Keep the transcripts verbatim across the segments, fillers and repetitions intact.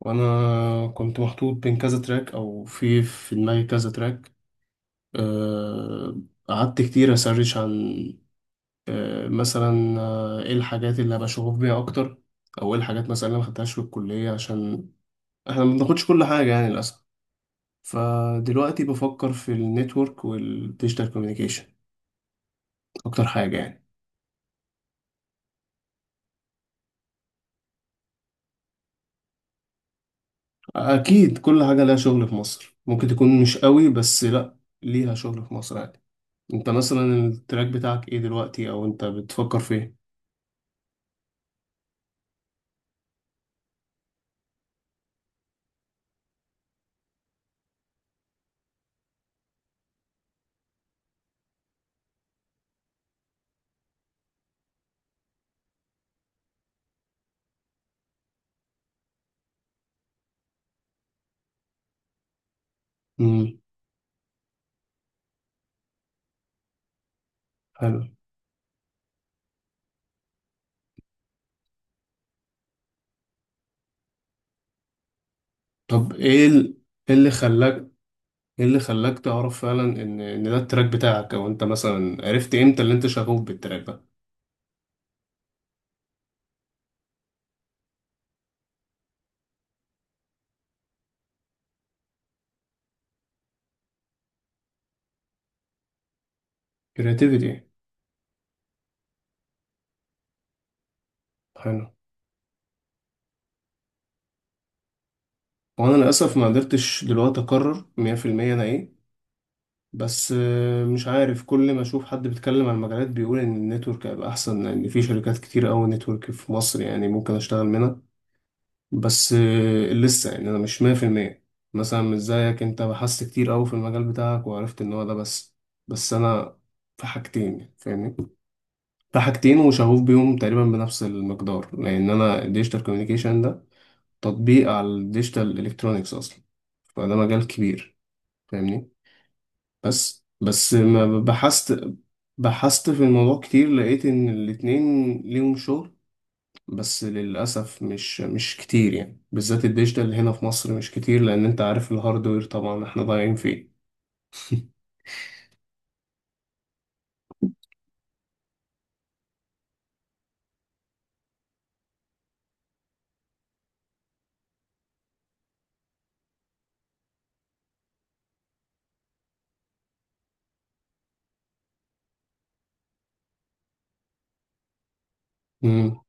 وانا كنت محطوط بين كذا تراك او في في دماغي كذا تراك. أه، قعدت كتير اسرش عن أه، مثلا أه، ايه الحاجات اللي هبقى شغوف بيها اكتر، او ايه الحاجات مثلا اللي ما خدتهاش في الكليه، عشان احنا ما بناخدش كل حاجه يعني للاسف. فدلوقتي بفكر في النتورك والديجيتال كوميونيكيشن اكتر حاجه يعني. اكيد كل حاجه لها شغل في مصر، ممكن تكون مش قوي بس لا، ليها شغل في مصر عادي. انت مثلا التراك بتاعك ايه دلوقتي، او انت بتفكر في ايه؟ امم. حلو. طب ايه ال- إيه اللي خلاك، ايه اللي خلاك تعرف فعلا ان ان ده التراك بتاعك، او انت مثلا عرفت امتى اللي انت شغوف بالتراك ده؟ كرياتيفيتي. حلو. وانا للاسف ما قدرتش دلوقتي اقرر مية في المية انا ايه. بس آه، مش عارف، كل ما اشوف حد بيتكلم عن المجالات بيقول ان النتورك هيبقى احسن، لان في شركات كتير قوي نتورك في مصر، يعني ممكن اشتغل منها. بس آه، لسه يعني انا مش مية في المية. مثلا مش زيك انت بحثت كتير قوي في المجال بتاعك وعرفت ان هو ده بس. بس انا في حاجتين، يعني فاهمني؟ في حاجتين وشغوف بيهم تقريبا بنفس المقدار، لان انا الديجيتال كوميونيكيشن ده تطبيق على الديجيتال الكترونيكس اصلا، فده مجال كبير، فاهمني؟ بس بس ما بحثت بحثت في الموضوع كتير، لقيت ان الاتنين ليهم شغل. بس للأسف مش مش كتير، يعني بالذات الديجيتال هنا في مصر مش كتير، لأن أنت عارف الهاردوير طبعا احنا ضايعين فيه. امم.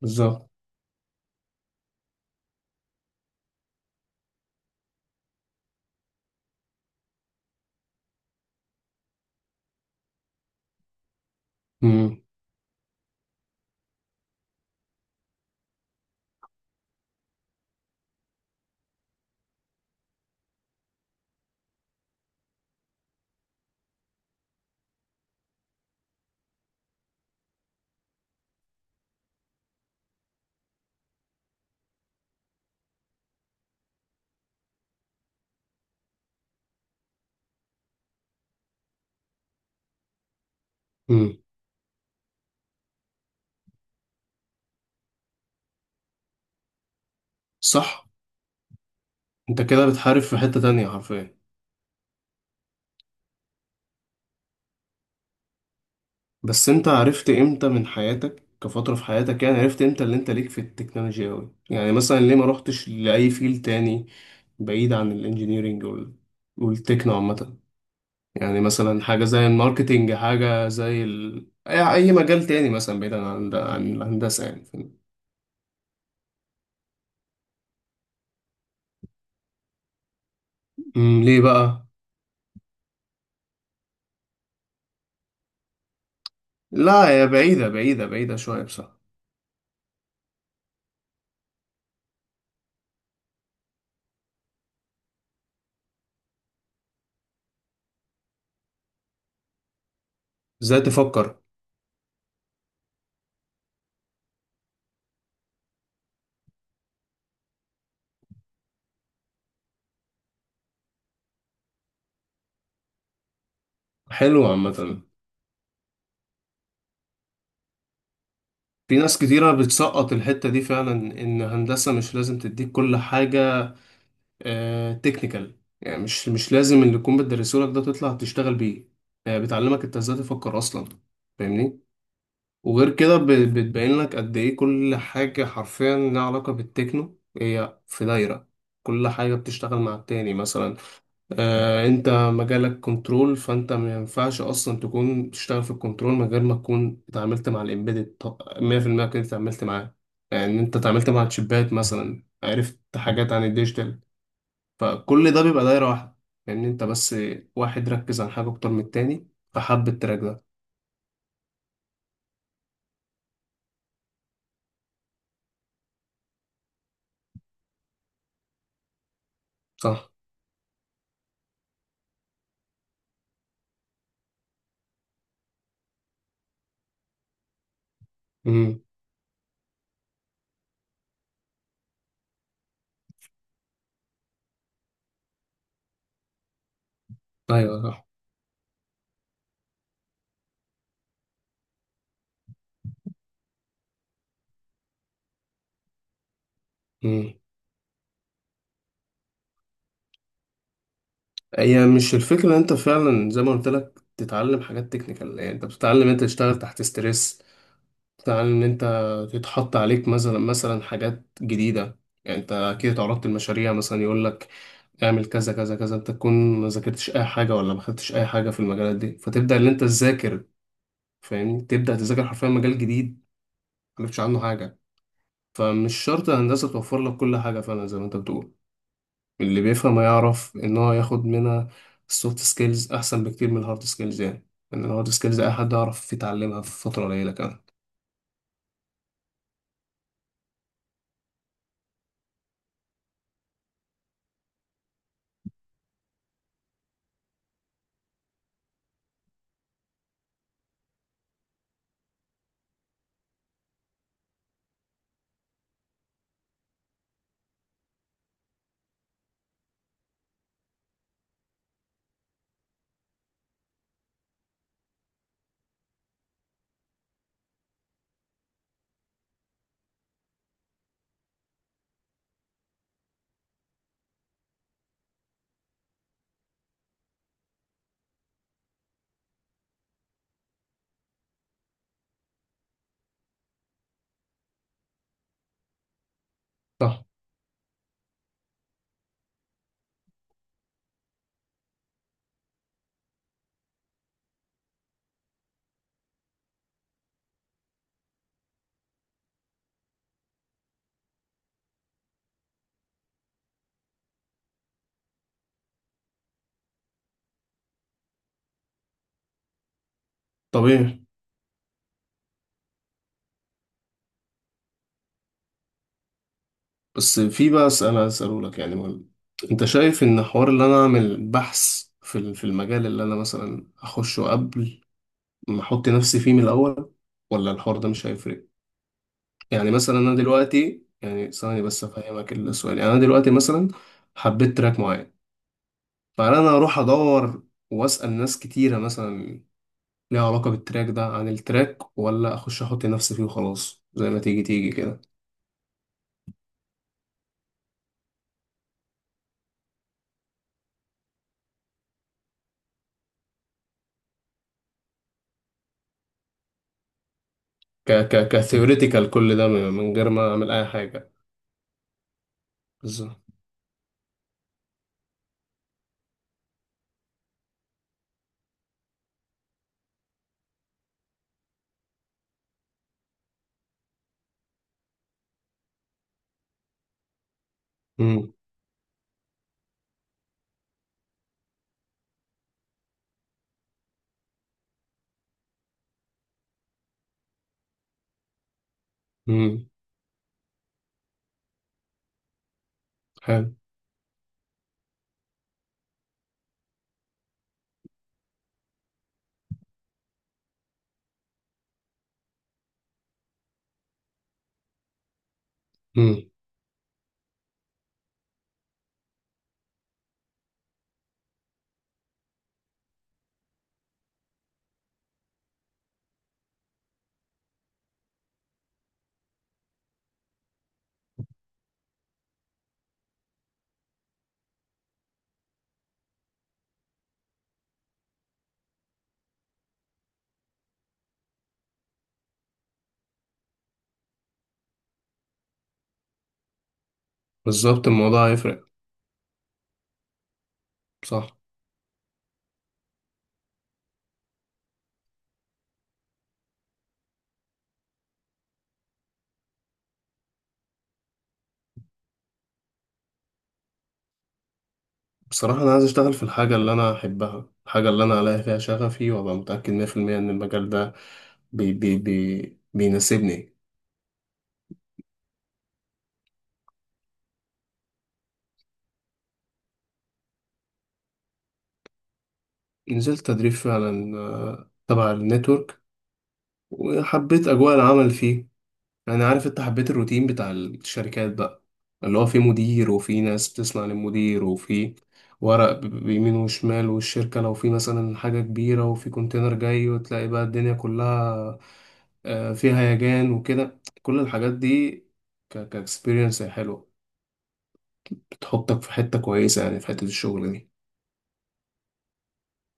بالظبط. امم. امم. صح. أنت كده بتحارب في حتة تانية حرفيا. بس أنت عرفت إمتى من حياتك، كفترة في حياتك يعني، عرفت إمتى اللي أنت ليك في التكنولوجيا أوي، يعني مثلا ليه ما روحتش لأي فيل تاني بعيد عن الإنجينيرينج وال... والتكنو عامة؟ يعني مثلا حاجة زي الماركتينج، حاجة زي ال... أي أي مجال تاني مثلا، بعيدا عن عن الهندسة، يعني فاهم؟ أمم، ليه بقى؟ لا، هي بعيدة بعيدة بعيدة شوية بصراحة. إزاي تفكر؟ حلو عامة. في ناس كتيرة بتسقط الحتة دي فعلا، إن هندسة مش لازم تديك كل حاجة آه تكنيكال، يعني مش مش لازم اللي يكون بتدرسهولك ده تطلع تشتغل بيه. هي بتعلمك أنت إزاي تفكر أصلا، فاهمني؟ وغير كده ب- بتبين لك قد ايه كل حاجة حرفيا لها علاقة بالتكنو، هي في دايرة. كل حاجة بتشتغل مع التاني. مثلا آه، انت مجالك كنترول، فانت ما ينفعش اصلا تكون تشتغل في الكنترول من غير ما تكون اتعاملت مع الامبيدد. مية في المية كنت اتعاملت معاه. يعني انت اتعاملت مع الشبات مثلا، عرفت حاجات عن الديجيتال. فكل ده بيبقى دايرة واحدة، لان يعني انت بس واحد ركز على حاجة اكتر من التاني. فحب التراك ده. صح. امم. ايوه. صح. هي مش الفكرة ان انت فعلا زي ما قلت لك تتعلم حاجات تكنيكال، يعني انت بتتعلم انت تشتغل تحت ستريس، بتتعلم ان انت تتحط عليك مثلا مثلا حاجات جديدة. يعني انت اكيد اتعرضت لمشاريع، مثلا يقول لك اعمل كذا كذا كذا، انت تكون ما ذاكرتش اي حاجة ولا ما خدتش اي حاجة في المجالات دي، فتبدأ ان انت تذاكر. فاهمني؟ تبدأ تذاكر حرفيا مجال جديد ما عرفتش عنه حاجة. فمش شرط الهندسة توفر لك كل حاجة، فعلا زي ما انت بتقول. اللي بيفهم هيعرف ان هو ياخد منها السوفت سكيلز احسن بكتير من الهارد سكيلز، يعني ان الهارد سكيلز اي حد يعرف يتعلمها في فتره قليله كمان. صح. طبيعي. بس في بقى اسال اساله لك يعني مهم. انت شايف ان حوار اللي انا اعمل بحث في ال- في المجال اللي انا مثلا اخشه قبل ما احط نفسي فيه من الاول، ولا الحوار ده مش هيفرق؟ يعني مثلا انا دلوقتي، يعني ثواني بس افهمك السؤال، يعني انا دلوقتي مثلا حبيت تراك معين، فانا أنا اروح ادور واسال ناس كتيره مثلا ليها علاقه بالتراك ده عن التراك، ولا اخش احط نفسي فيه وخلاص زي ما تيجي تيجي كده؟ ك ك كثيوريتيكال كل ده من من غير ما اعمل اي حاجه. بالظبط. امم. امم. حلو. امم. بالظبط الموضوع هيفرق. صح. بصراحه انا عايز اشتغل في الحاجه اللي انا احبها، الحاجه اللي انا الاقي فيها شغفي وابقى متاكد مية في المية ان المجال ده بي بي بي بيناسبني. نزلت تدريب فعلا آه، تبع النتورك، وحبيت أجواء العمل فيه. يعني عارف، أنت حبيت الروتين بتاع الشركات بقى، اللي هو فيه مدير وفيه ناس بتسمع للمدير، وفيه ورق ب- ب- بيمين وشمال، والشركة لو في مثلا حاجة كبيرة وفي كونتينر جاي، وتلاقي بقى الدنيا كلها آه، فيها هيجان وكده، كل الحاجات دي كاكسبيرينس حلوة، بتحطك في حتة كويسة، يعني في حتة الشغل دي.